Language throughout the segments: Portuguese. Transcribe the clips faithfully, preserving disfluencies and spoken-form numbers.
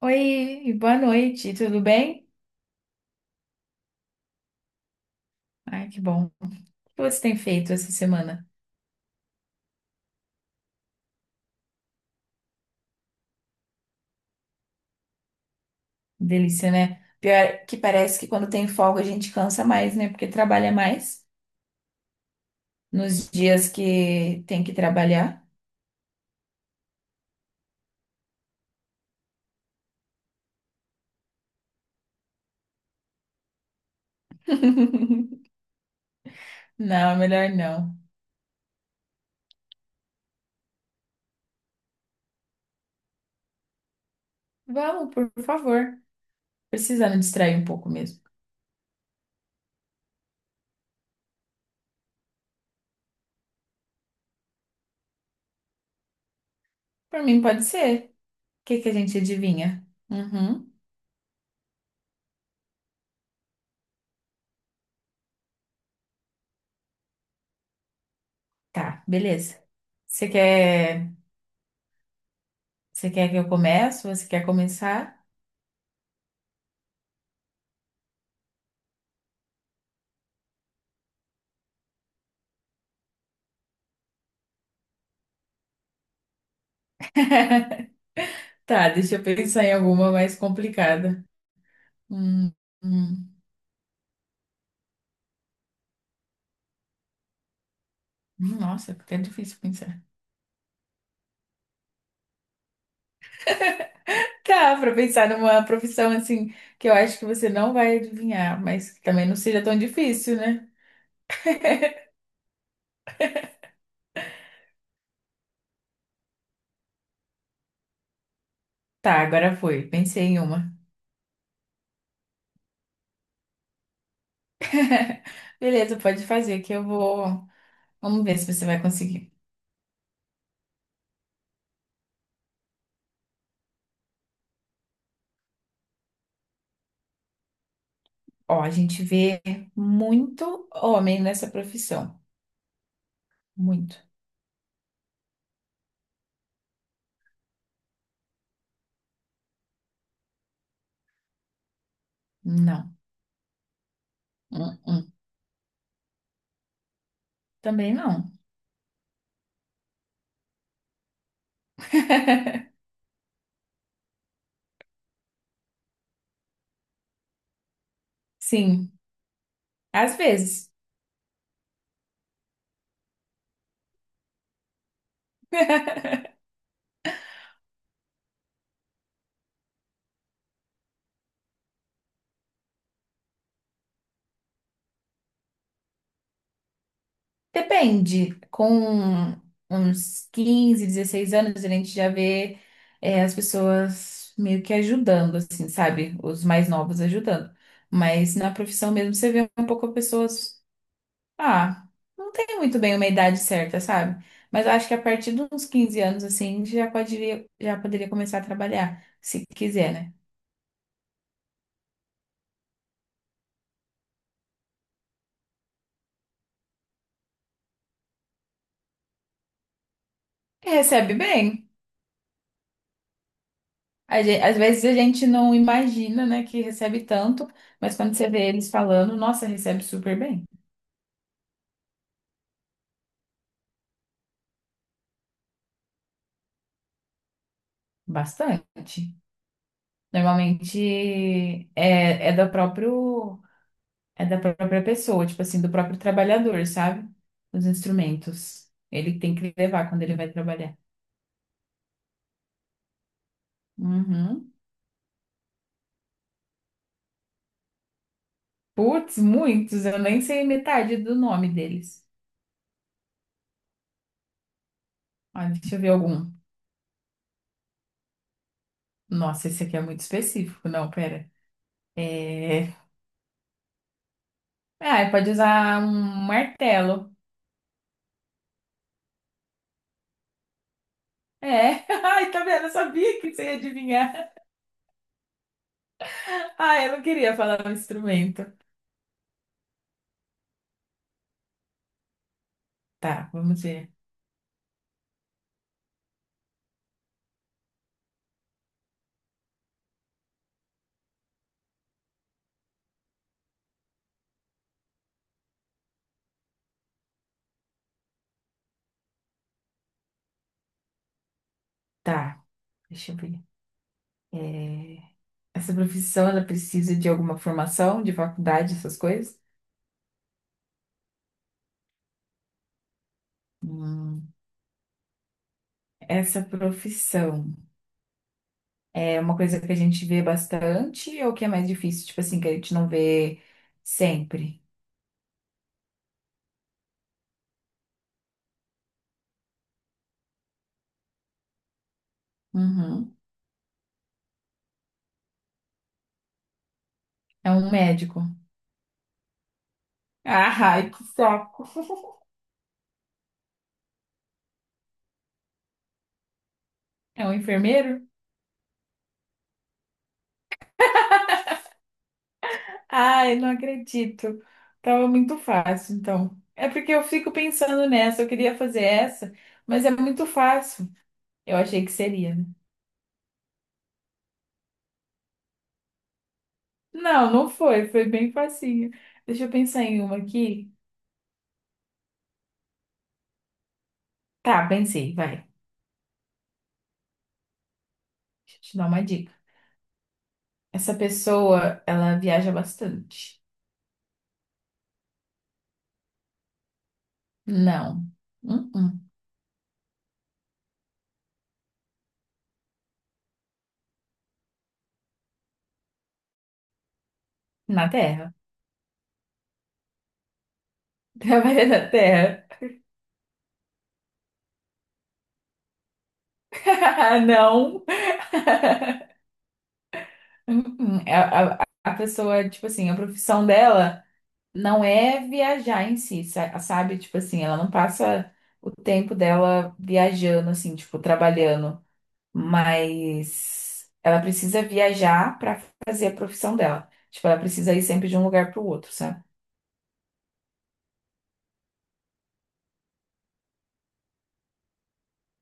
Oi, e boa noite, tudo bem? Ai, que bom. O que você tem feito essa semana? Delícia, né? Pior que parece que quando tem folga a gente cansa mais, né? Porque trabalha mais nos dias que tem que trabalhar. Não, melhor não. Vamos, por favor. Precisando distrair um pouco mesmo. Por mim, pode ser. O que que a gente adivinha? Uhum. Tá, beleza. Você quer, você quer que eu comece? Você quer começar? Tá, deixa eu pensar em alguma mais complicada. Hum, hum. Nossa, até é difícil pensar. Tá, pra pensar numa profissão assim que eu acho que você não vai adivinhar, mas que também não seja tão difícil, né? Tá, agora foi. Pensei em uma. Beleza, pode fazer que eu vou. Vamos ver se você vai conseguir. Ó, a gente vê muito homem nessa profissão. Muito. Não. Hum, hum. Também não. Sim, às vezes. Depende. Com uns quinze, dezesseis anos, a gente já vê, é, as pessoas meio que ajudando, assim, sabe? Os mais novos ajudando. Mas na profissão mesmo, você vê um pouco pessoas. Ah, não tem muito bem uma idade certa, sabe? Mas eu acho que a partir dos quinze anos, assim, já poderia, já poderia começar a trabalhar, se quiser, né? E recebe bem. A gen- Às vezes a gente não imagina, né, que recebe tanto, mas quando você vê eles falando, nossa, recebe super bem. Bastante. Normalmente é, é da próprio, é da própria pessoa, tipo assim, do próprio trabalhador, sabe? Os instrumentos. Ele tem que levar quando ele vai trabalhar. Uhum. Putz, muitos, eu nem sei metade do nome deles. Ah, deixa eu ver algum. Nossa, esse aqui é muito específico. Não, pera. É... Ah, pode usar um martelo. É. Ai, tá vendo? Eu sabia que você ia adivinhar. Ah, eu não queria falar um instrumento. Tá, vamos ver. Tá. Deixa eu ver. É, Essa profissão, ela precisa de alguma formação, de faculdade, essas coisas? Hum, Essa profissão é uma coisa que a gente vê bastante ou que é mais difícil? Tipo assim, que a gente não vê sempre. Uhum. É um médico. Ah, ai, que saco. É um enfermeiro? Ai, não acredito. Tava muito fácil, então. É porque eu fico pensando nessa, eu queria fazer essa, mas é muito fácil. Eu achei que seria, né? Não, não foi. Foi bem facinho. Deixa eu pensar em uma aqui. Tá, pensei, vai. Deixa eu te dar uma dica. Essa pessoa, ela viaja bastante. Não. Hum, hum. Na Terra. Trabalha na Terra. Não. Hum, hum. É, A, a, a pessoa, tipo assim, a profissão dela não é viajar em si, sa- sabe? Tipo assim, ela não passa o tempo dela viajando, assim, tipo, trabalhando. Mas ela precisa viajar para fazer a profissão dela. Tipo, ela precisa ir sempre de um lugar para o outro, sabe?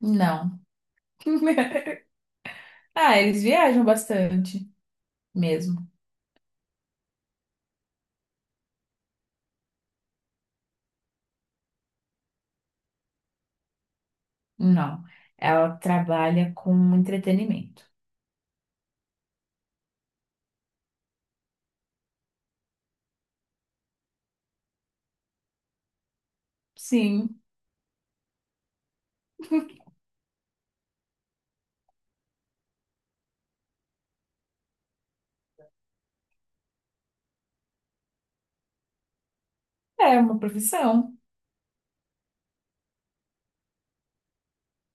Não. Ah, eles viajam bastante mesmo. Não. Ela trabalha com entretenimento. Sim, é uma profissão.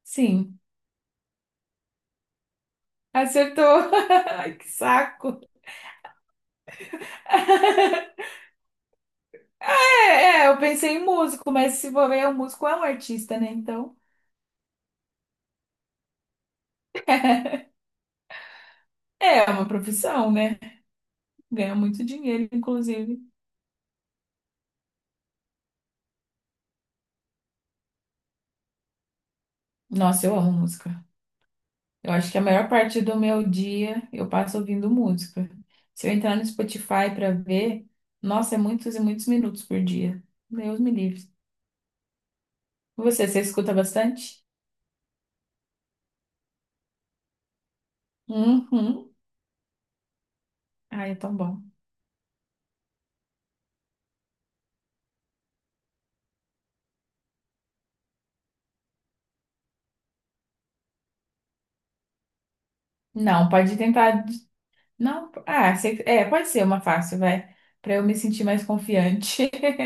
Sim. Acertou. Ai, que saco. É, é, eu pensei em músico, mas se for ver, o músico é um artista, né? Então, é uma profissão, né? Ganha muito dinheiro, inclusive. Nossa, eu amo música. Eu acho que a maior parte do meu dia eu passo ouvindo música. Se eu entrar no Spotify para ver, nossa, é muitos e muitos minutos por dia. Deus me livre. Você, você escuta bastante? Uhum. Ai, é tão bom. Não, pode tentar. Não, ah, você- é, pode ser uma fácil, vai. Para eu me sentir mais confiante.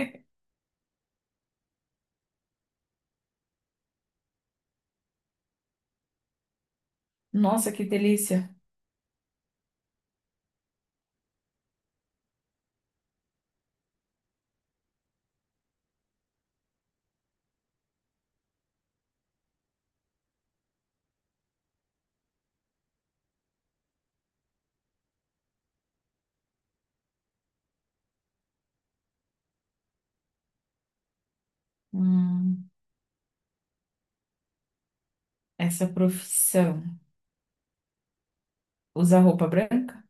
Nossa, que delícia. Hum, essa profissão. Usa roupa branca?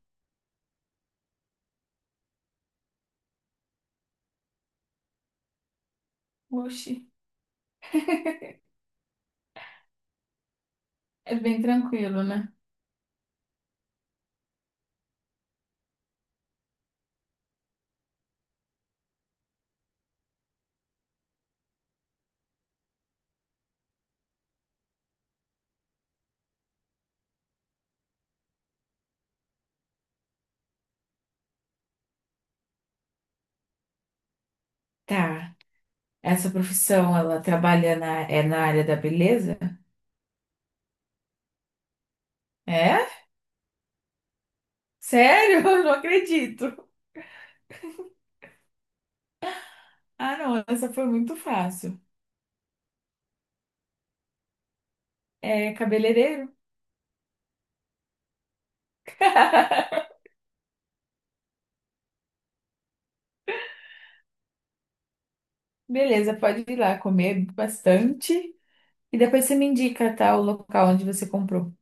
Oxi, é bem tranquilo, né? Tá. Essa profissão, ela trabalha na, é na área da beleza? É? Sério? Eu não acredito. Ah, não, essa foi muito fácil. É cabeleireiro? Beleza, pode ir lá comer bastante. E depois você me indica, tá, o local onde você comprou.